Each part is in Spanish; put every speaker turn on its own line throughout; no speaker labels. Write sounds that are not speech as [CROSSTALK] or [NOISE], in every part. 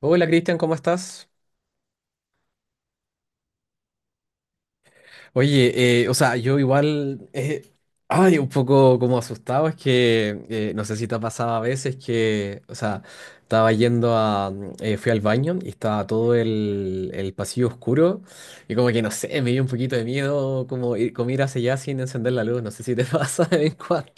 Hola Cristian, ¿cómo estás? Oye, o sea, yo igual, ay, un poco como asustado, es que no sé si te ha pasado a veces que, o sea, estaba yendo a, fui al baño y estaba todo el pasillo oscuro y como que no sé, me dio un poquito de miedo como ir hacia allá sin encender la luz, no sé si te [LAUGHS] pasa de vez en cuando.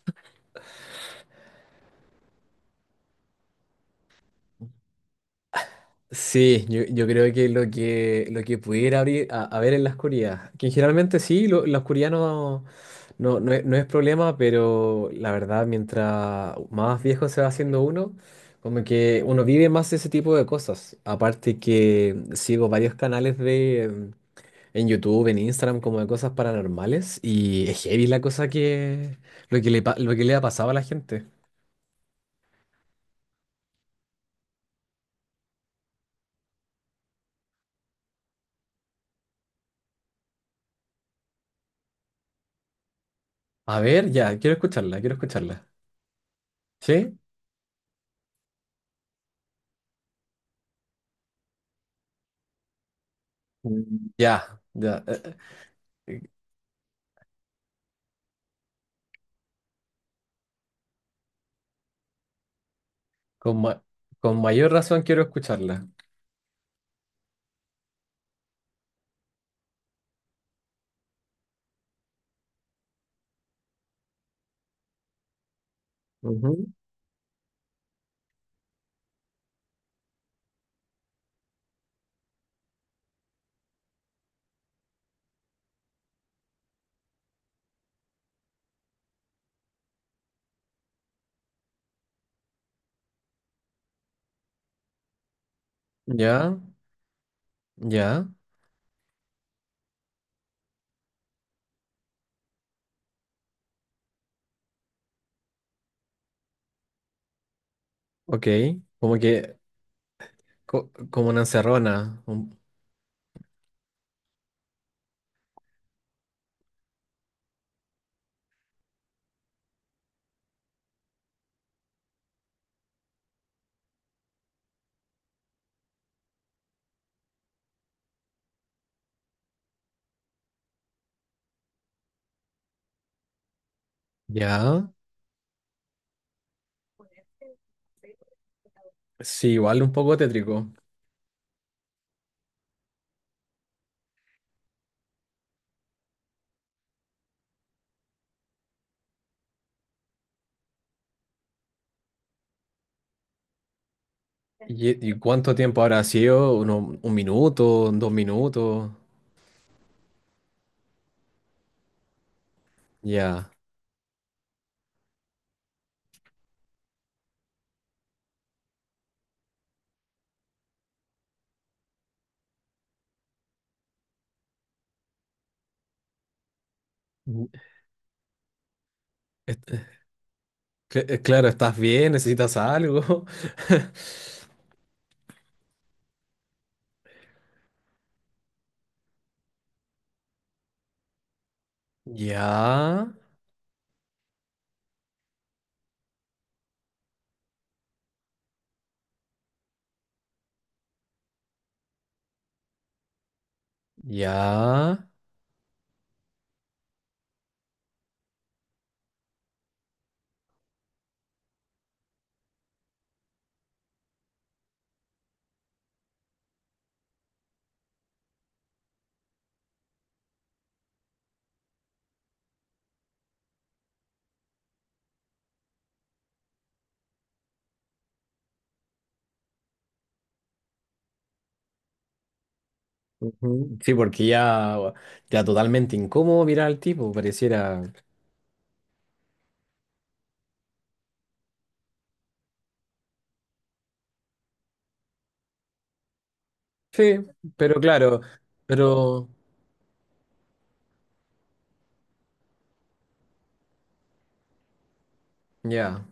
Sí, yo creo que lo que pudiera abrir a ver en la oscuridad, que generalmente sí, la oscuridad no, no es problema, pero la verdad, mientras más viejo se va haciendo uno, como que uno vive más ese tipo de cosas. Aparte que sigo varios canales de en YouTube, en Instagram, como de cosas paranormales, y es heavy la cosa que lo que le ha pasado a la gente. A ver, ya, quiero escucharla, quiero escucharla. ¿Sí? Mm. Ya, ya. Eh, Con, ma- con mayor razón quiero escucharla. Ujú. Ya, ya, ok. Como que, como una encerrona. Ya, sí, igual un poco tétrico. Y cuánto tiempo habrá sido? ¿Uno- un minuto? ¿Dos minutos? Ya. Mm, est- eh, claro, ¿estás bien? ¿Necesitas algo? [LAUGHS] Ya, ya. Ujú. Sí, porque ya, ya totalmente incómodo mirar al tipo, pareciera. Sí, pero claro, pero ya,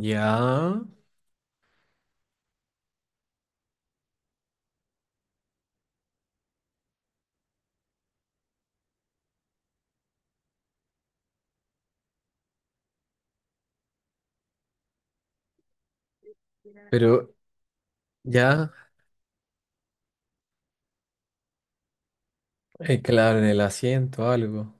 ya, pero ya, claro, en el asiento algo.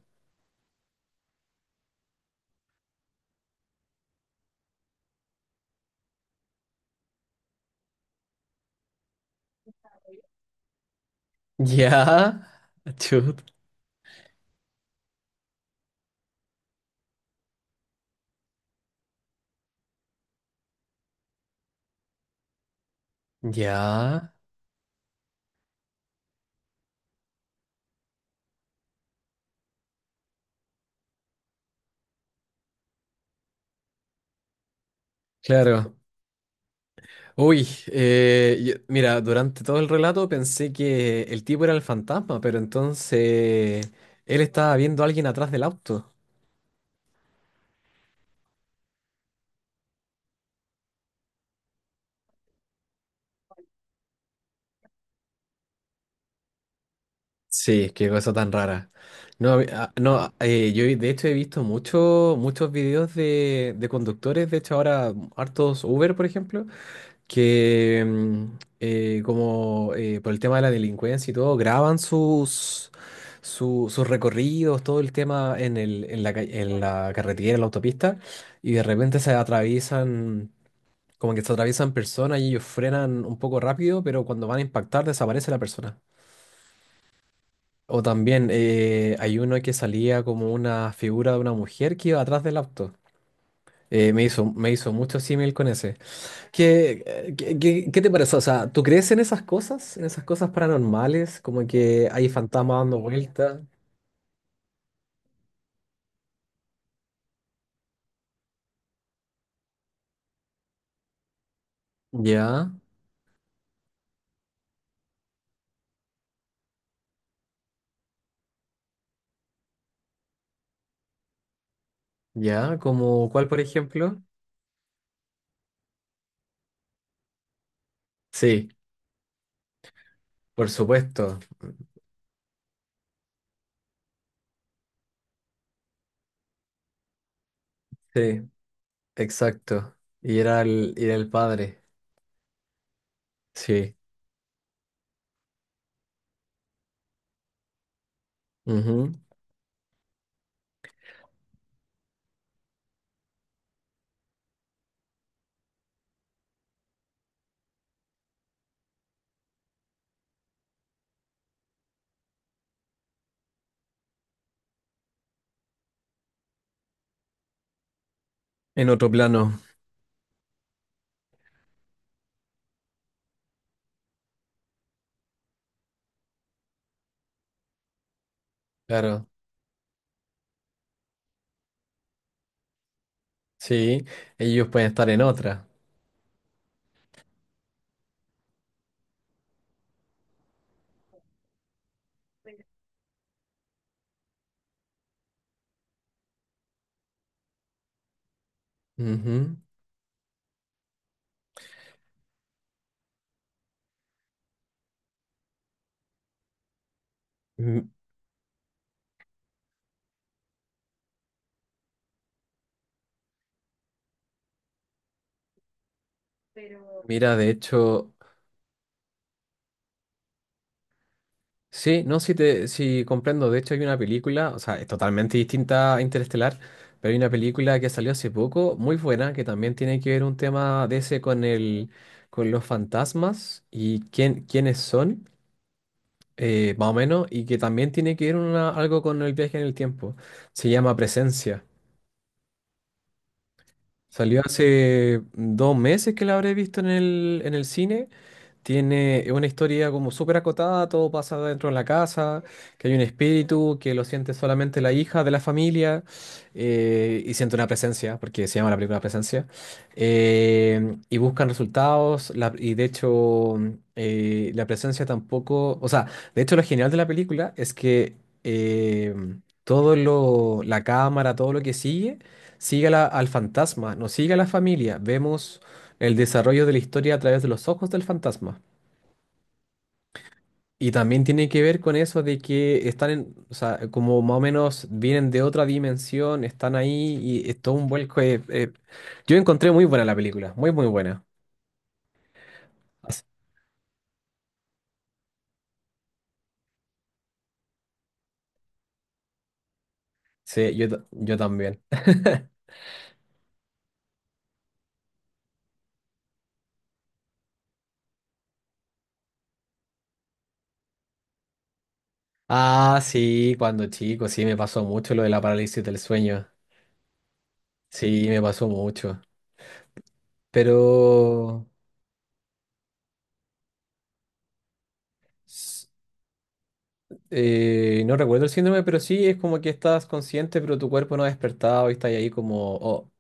Ya, [LAUGHS] chut, ya, claro. Uy, mira, durante todo el relato pensé que el tipo era el fantasma, pero entonces él estaba viendo a alguien atrás del auto. Sí, qué cosa tan rara. No, yo de hecho he visto muchos videos de conductores, de hecho ahora hartos Uber, por ejemplo, que como por el tema de la delincuencia y todo, graban sus, sus recorridos, todo el tema en el, en la, en la carretera, en la autopista, y de repente se atraviesan, como que se atraviesan personas y ellos frenan un poco rápido, pero cuando van a impactar desaparece la persona. O también hay uno que salía como una figura de una mujer que iba atrás del auto. Me hizo mucho símil con ese. ¿Qué, qué te parece? O sea, ¿tú crees en esas cosas? ¿En esas cosas paranormales? Como que hay fantasmas dando vueltas. Ya, ya, como cuál, por ejemplo. Sí, por supuesto. Sí, exacto. Y era el padre. Sí. Ujú. En otro plano. Claro. Sí, ellos pueden estar en otra. Ujú. Mm, mira, de hecho, sí, no, sí, sí comprendo. De hecho, hay una película, o sea, es totalmente distinta a Interestelar, pero hay una película que salió hace poco, muy buena, que también tiene que ver un tema de ese con el, con los fantasmas y quién, quiénes son, más o menos, y que también tiene que ver algo con el viaje en el tiempo. Se llama Presencia. Salió hace 2 meses que la habré visto en el cine. Tiene una historia como súper acotada, todo pasa dentro de la casa, que hay un espíritu, que lo siente solamente la hija de la familia y siente una presencia, porque se llama la primera Presencia, y buscan resultados y de hecho la presencia tampoco, o sea, de hecho lo genial de la película es que eh, todo lo, la cámara, todo lo que sigue, sigue a al fantasma, no sigue a la familia, vemos el desarrollo de la historia a través de los ojos del fantasma. Y también tiene que ver con eso de que están en, o sea, como más o menos vienen de otra dimensión, están ahí y es todo un vuelco. Yo encontré muy buena la película, muy buena. As- Sí, yo también. Ah, sí, cuando chico, sí, me pasó mucho lo de la parálisis del sueño. Sí, me pasó mucho. Pero s- no recuerdo el síndrome, pero sí es como que estás consciente, pero tu cuerpo no ha despertado y estás ahí como, oh,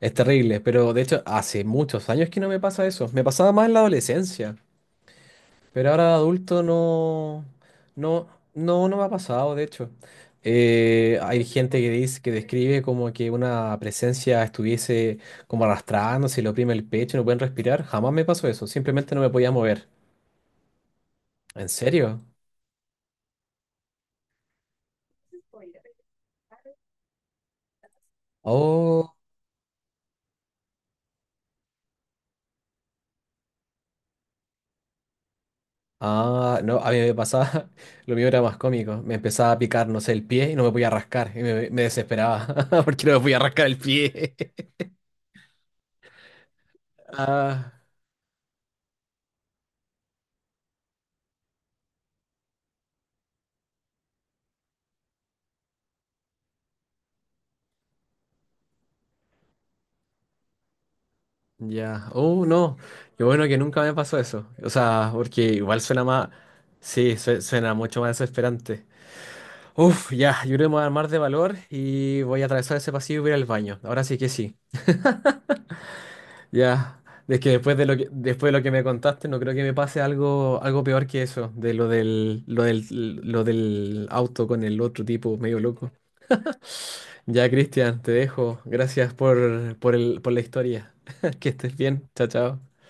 es terrible, pero de hecho hace muchos años que no me pasa eso. Me pasaba más en la adolescencia, pero ahora de adulto no, no, no, no me ha pasado, de hecho. Hay gente que dice, que describe como que una presencia estuviese como arrastrándose, le oprime el pecho, no pueden respirar. Jamás me pasó eso, simplemente no me podía mover. ¿En serio? Oh, ah, no, a mí me pasaba, [LAUGHS] lo mío era más cómico. Me empezaba a picar, no sé, el pie y no me podía rascar. Me desesperaba [LAUGHS] porque no me podía rascar el pie. Ah, ya. Oh, no. Qué bueno que nunca me pasó eso. O sea, porque igual suena más. Sí, suena mucho más desesperante. Uf, ya. Yo creo que me voy a armar de valor y voy a atravesar ese pasillo y voy a ir al baño. Ahora sí que sí. Ya. Es que después de lo que, después de lo que me contaste, no creo que me pase algo, algo peor que eso, de lo del auto con el otro tipo medio loco. Ya, Cristian, te dejo. Gracias por, por la historia. [LAUGHS] Que estés bien. Chao, chao.